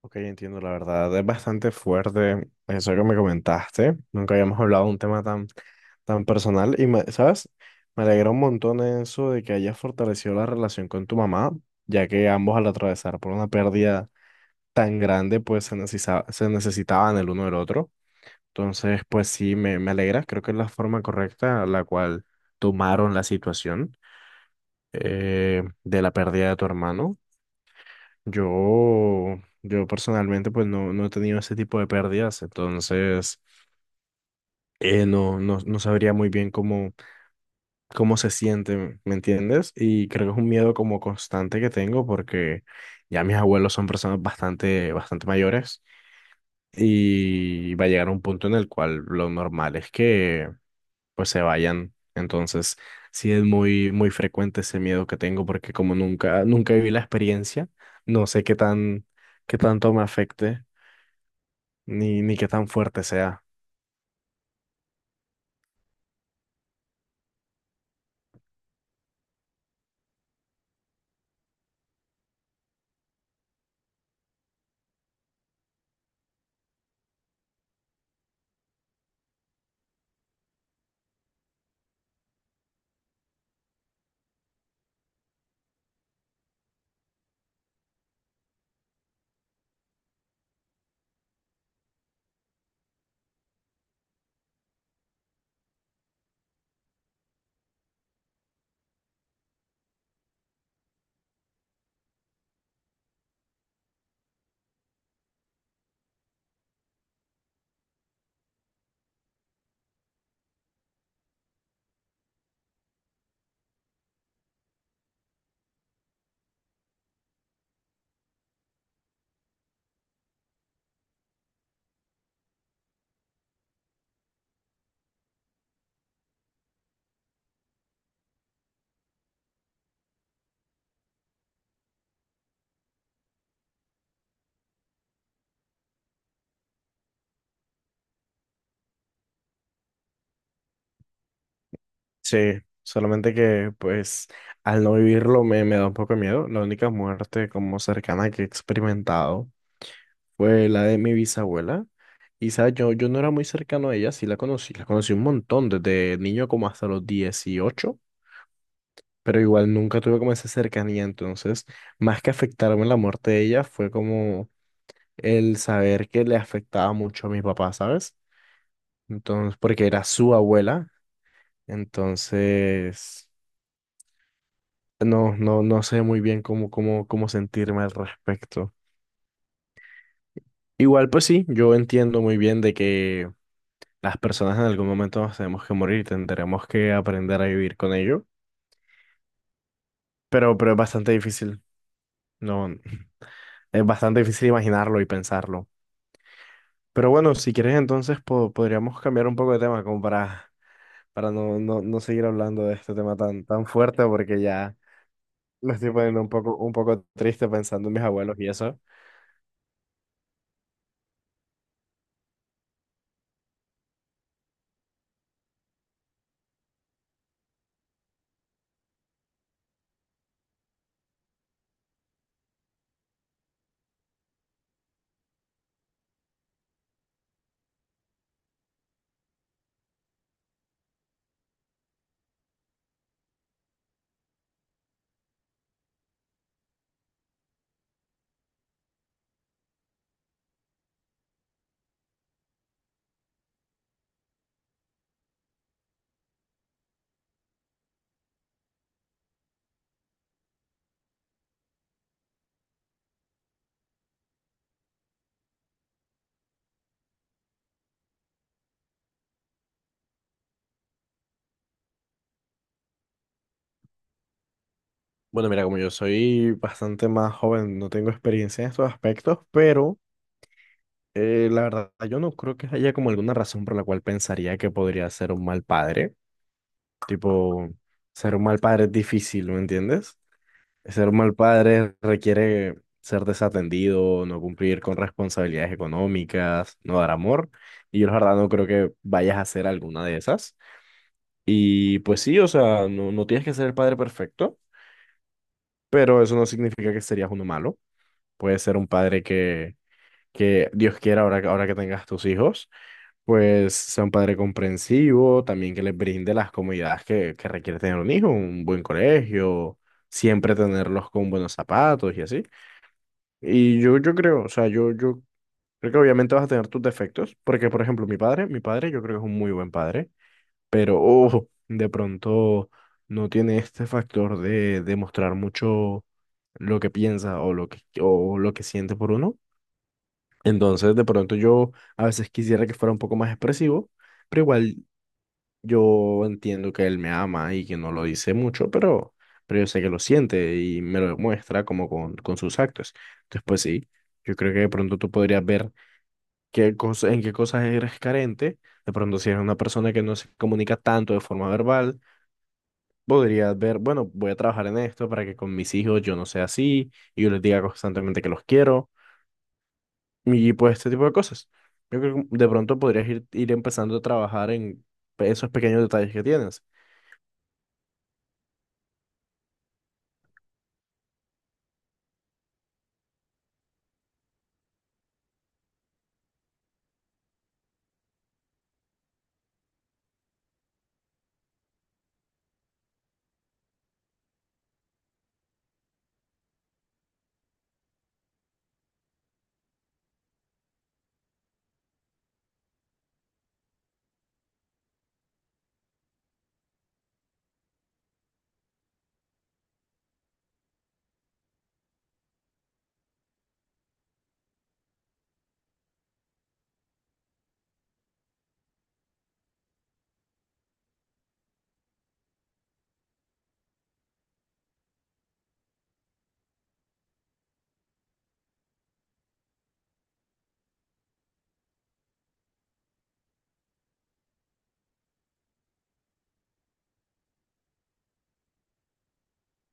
Ok, entiendo, la verdad es bastante fuerte eso que me comentaste. Nunca habíamos hablado de un tema tan, tan personal y, ¿sabes? Me alegra un montón eso de que hayas fortalecido la relación con tu mamá, ya que ambos al atravesar por una pérdida tan grande, pues se necesitaba, se necesitaban el uno del otro. Entonces, pues sí, me alegra. Creo que es la forma correcta la cual tomaron la situación, de la pérdida de tu hermano. Yo personalmente pues no, no he tenido ese tipo de pérdidas, entonces no, no, no sabría muy bien cómo, cómo se siente, ¿me entiendes? Y creo que es un miedo como constante que tengo porque ya mis abuelos son personas bastante, bastante mayores y va a llegar un punto en el cual lo normal es que pues se vayan. Entonces sí es muy, muy frecuente ese miedo que tengo porque como nunca, nunca viví la experiencia, no sé qué tan, qué tanto me afecte. Ni, ni qué tan fuerte sea. Sí, solamente que pues al no vivirlo me da un poco de miedo. La única muerte como cercana que he experimentado fue la de mi bisabuela. Y sabes, yo no era muy cercano a ella, sí la conocí un montón, desde niño como hasta los 18, pero igual nunca tuve como esa cercanía, entonces más que afectarme la muerte de ella fue como el saber que le afectaba mucho a mi papá, ¿sabes? Entonces, porque era su abuela, entonces... No, no, no sé muy bien cómo, cómo, cómo sentirme al respecto. Igual, pues sí, yo entiendo muy bien de que las personas en algún momento nos tenemos que morir y tendremos que aprender a vivir con ello. Pero es bastante difícil. No, es bastante difícil imaginarlo y pensarlo. Pero bueno, si quieres entonces podríamos cambiar un poco de tema como para no, no, no seguir hablando de este tema tan, tan fuerte porque ya me estoy poniendo un poco triste pensando en mis abuelos y eso. Bueno, mira, como yo soy bastante más joven, no tengo experiencia en estos aspectos, pero la verdad yo no creo que haya como alguna razón por la cual pensaría que podría ser un mal padre. Tipo, ser un mal padre es difícil, ¿me entiendes? Ser un mal padre requiere ser desatendido, no cumplir con responsabilidades económicas, no dar amor, y yo la verdad no creo que vayas a hacer alguna de esas. Y pues sí, o sea, no, no tienes que ser el padre perfecto, pero eso no significa que serías uno malo. Puede ser un padre que Dios quiera, ahora, ahora que tengas tus hijos, pues sea un padre comprensivo, también que les brinde las comodidades que requiere tener un hijo, un buen colegio, siempre tenerlos con buenos zapatos y así. O sea, yo creo que obviamente vas a tener tus defectos, porque por ejemplo, mi padre yo creo que es un muy buen padre, pero ojo, de pronto no tiene este factor de demostrar mucho lo que piensa o lo que siente por uno. Entonces, de pronto yo a veces quisiera que fuera un poco más expresivo, pero igual yo entiendo que él me ama y que no lo dice mucho, pero yo sé que lo siente y me lo demuestra como con sus actos. Entonces, pues sí, yo creo que de pronto tú podrías ver qué cosa, en qué cosas eres carente. De pronto, si eres una persona que no se comunica tanto de forma verbal, podrías ver, bueno, voy a trabajar en esto para que con mis hijos yo no sea así y yo les diga constantemente que los quiero. Y pues este tipo de cosas. Yo creo que de pronto podrías ir empezando a trabajar en esos pequeños detalles que tienes.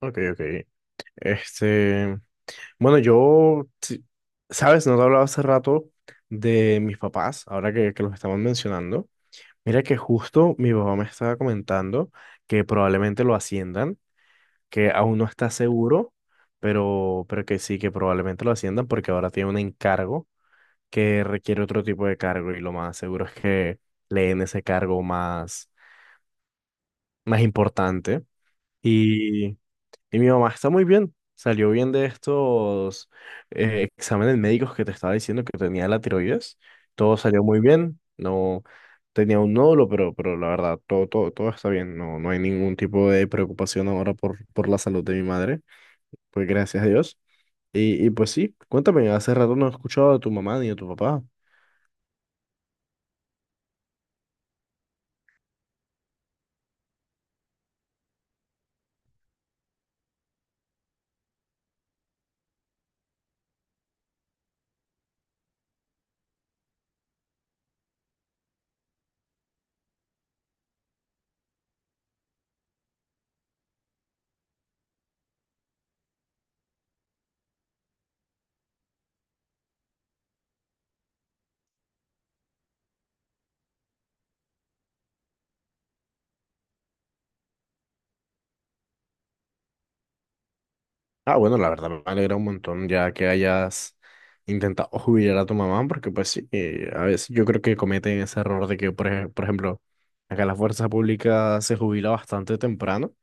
Ok, ok. Este, bueno, sabes, no te hablaba hace rato de mis papás, ahora que los estamos mencionando. Mira que justo mi papá me estaba comentando que probablemente lo asciendan, que aún no está seguro, pero que sí, que probablemente lo asciendan porque ahora tiene un encargo que requiere otro tipo de cargo y lo más seguro es que le den ese cargo más, más importante. Y, y mi mamá está muy bien, salió bien de estos exámenes médicos que te estaba diciendo que tenía la tiroides, todo salió muy bien, no tenía un nódulo, pero la verdad, todo, todo, todo está bien, no, no hay ningún tipo de preocupación ahora por la salud de mi madre, pues gracias a Dios. Y pues sí, cuéntame, hace rato no he escuchado de tu mamá ni de tu papá. Ah, bueno, la verdad me alegra un montón ya que hayas intentado jubilar a tu mamá, porque pues sí, a veces yo creo que cometen ese error de que, por, por ejemplo, acá la fuerza pública se jubila bastante temprano.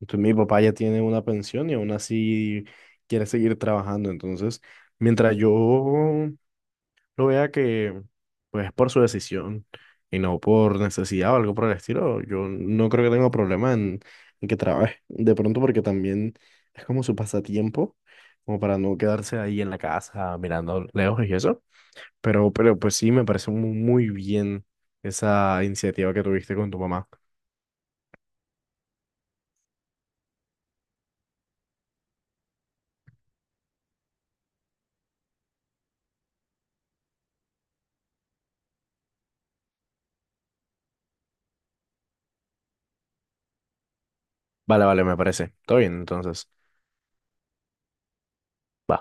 Entonces mi papá ya tiene una pensión y aún así quiere seguir trabajando. Entonces, mientras yo lo vea que, pues, por su decisión y no por necesidad o algo por el estilo, yo no creo que tenga problema en que trabaje. De pronto, porque también es como su pasatiempo, como para no quedarse ahí en la casa mirando lejos y eso. Pero pues sí, me parece muy bien esa iniciativa que tuviste con tu mamá. Vale, vale, me parece. Todo bien, entonces. Va.